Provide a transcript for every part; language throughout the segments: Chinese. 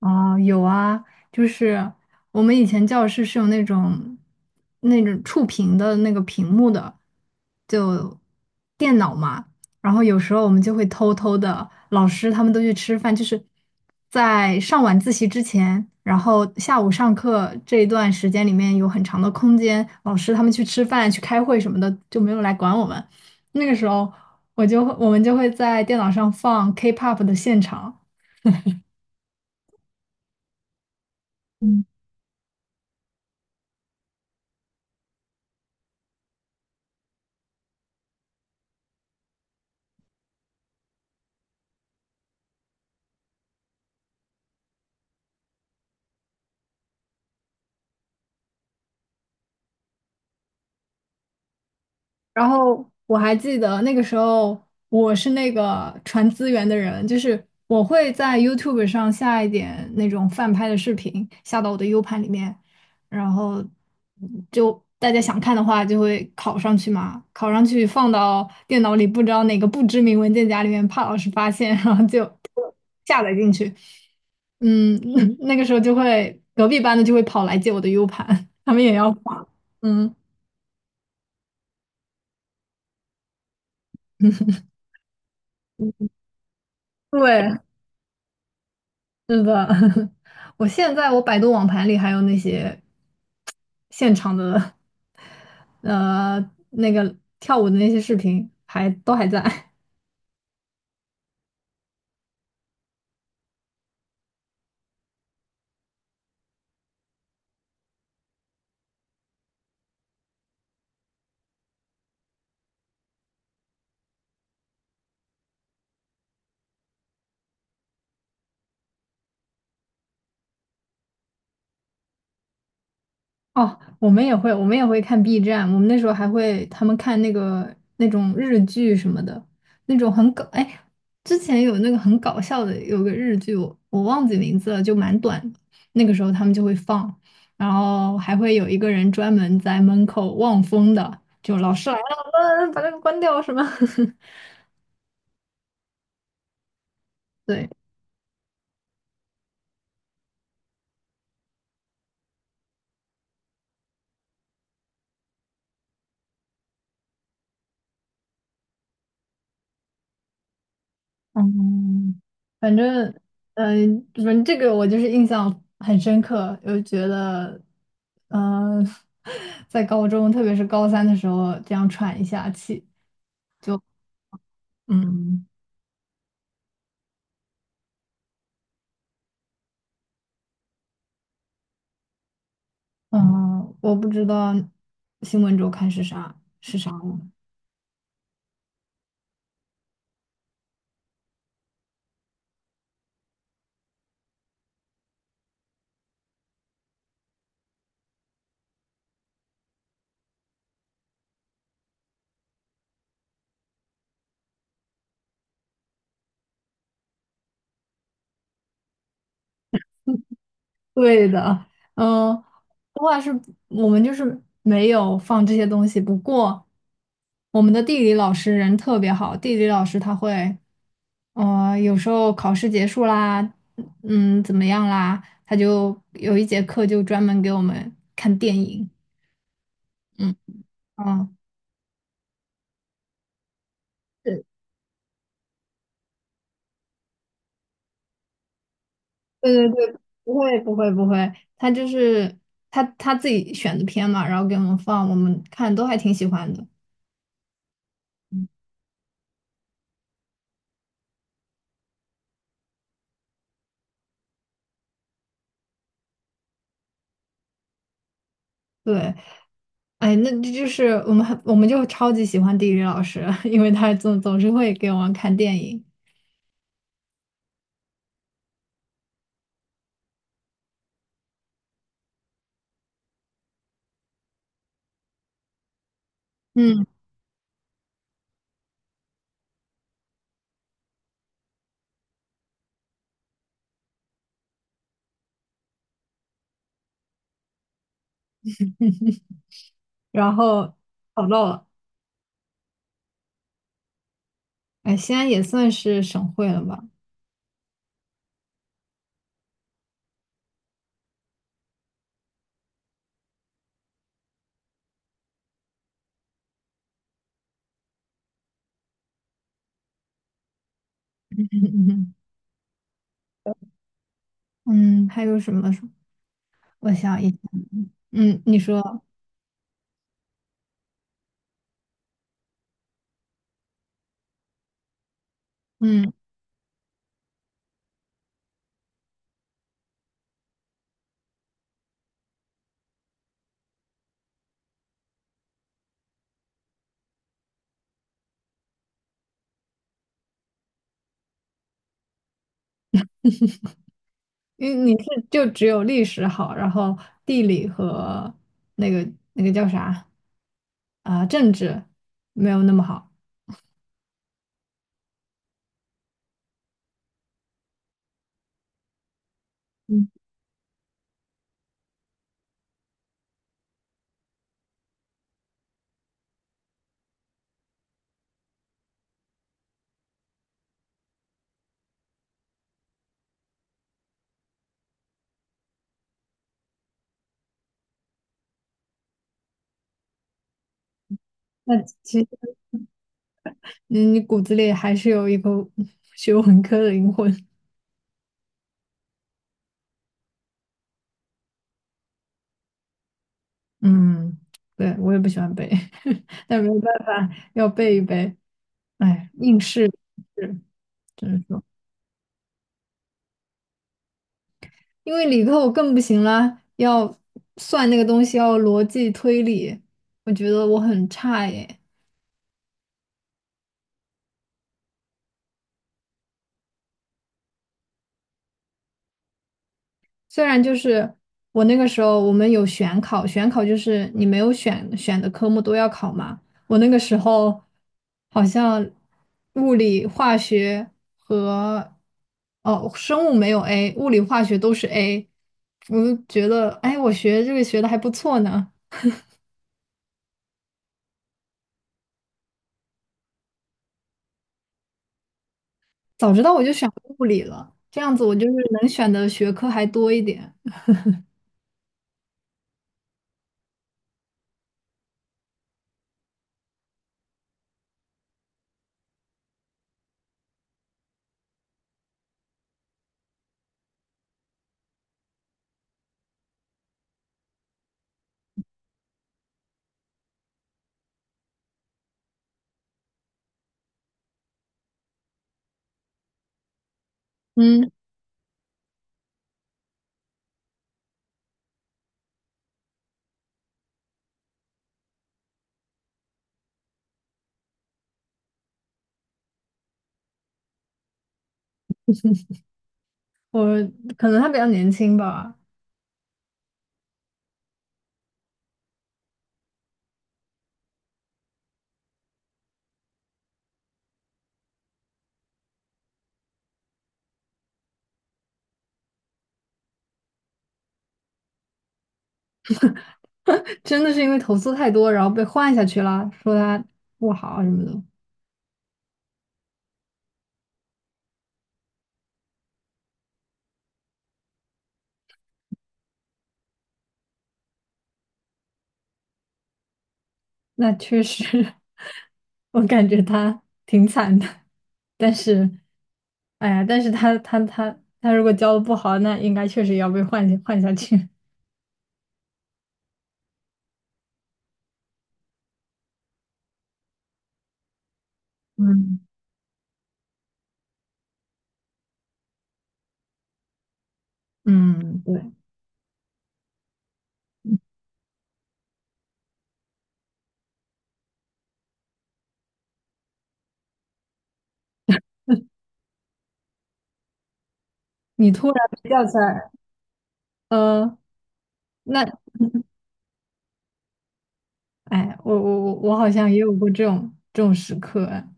哦，有啊，就是我们以前教室是有那种触屏的那个屏幕的，就电脑嘛。然后有时候我们就会偷偷的，老师他们都去吃饭，就是在上晚自习之前，然后下午上课这一段时间里面有很长的空间，老师他们去吃饭、去开会什么的，就没有来管我们。那个时候，我们就会在电脑上放 K-pop 的现场。然后我还记得那个时候，我是那个传资源的人，就是我会在 YouTube 上下一点那种翻拍的视频，下到我的 U 盘里面，然后就大家想看的话就会拷上去嘛，拷上去放到电脑里，不知道哪个不知名文件夹里面，怕老师发现，然后就 下载进去。嗯，那个时候就会隔壁班的就会跑来借我的 U 盘，他们也要还。嗯，对。是的，我现在我百度网盘里还有那些现场的 呃那个跳舞的那些视频还都还在。哦，我们也会，我们也会看 B 站，我们那时候还会他们看那个那种日剧什么的，那种很搞，哎，之前有那个很搞笑的，有个日剧，我忘记名字了，就蛮短的，那个时候他们就会放，然后还会有一个人专门在门口望风的，就老师来了，把那个关掉什么，对。嗯，反正，反正这个我就是印象很深刻，就觉得，嗯、在高中，特别是高三的时候，这样喘一下气，就，嗯。嗯、我不知道新闻周刊是啥了。对的，嗯。不过是我们就是没有放这些东西，不过我们的地理老师人特别好，地理老师他会。哦，有时候考试结束啦，嗯，怎么样啦，他就有一节课就专门给我们看电影。嗯，嗯，对对对对，不会不会不会，他就是他自己选的片嘛，然后给我们放，我们看都还挺喜欢的。嗯，对，哎，那这就是我们就超级喜欢地理老师，因为他总是会给我们看电影，嗯，然后跑到了，哎，西安也算是省会了吧。嗯，还有什么？什么？我想一想，嗯，你说，嗯，因为你是就只有历史好，然后地理和那个叫啥啊，政治没有那么好。嗯，那其实你骨子里还是有一个学文科的灵魂。嗯，对，我也不喜欢背，但没有办法，要背一背。哎，应试是，只能说。因为理科我更不行啦，要算那个东西，要逻辑推理，我觉得我很差耶。虽然就是我那个时候我们有选考，选考就是你没有选的科目都要考嘛。我那个时候好像物理、化学和哦生物没有 A，物理、化学都是 A，我就觉得哎，我学这个学的还不错呢。早知道我就选物理了，这样子我就是能选的学科还多一点。嗯，我可能他比较年轻吧。真的是因为投诉太多，然后被换下去了，说他不好啊什么的。那确实，我感觉他挺惨的。但是，哎呀，但是他如果教的不好，那应该确实也要被换下去。嗯。嗯，对，你突然被叫起来，呃。那。哎，我好像也有过这种时刻，哎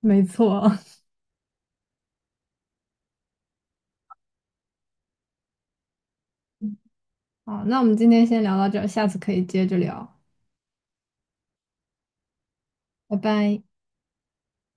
没错。好，那我们今天先聊到这儿，下次可以接着聊，拜拜。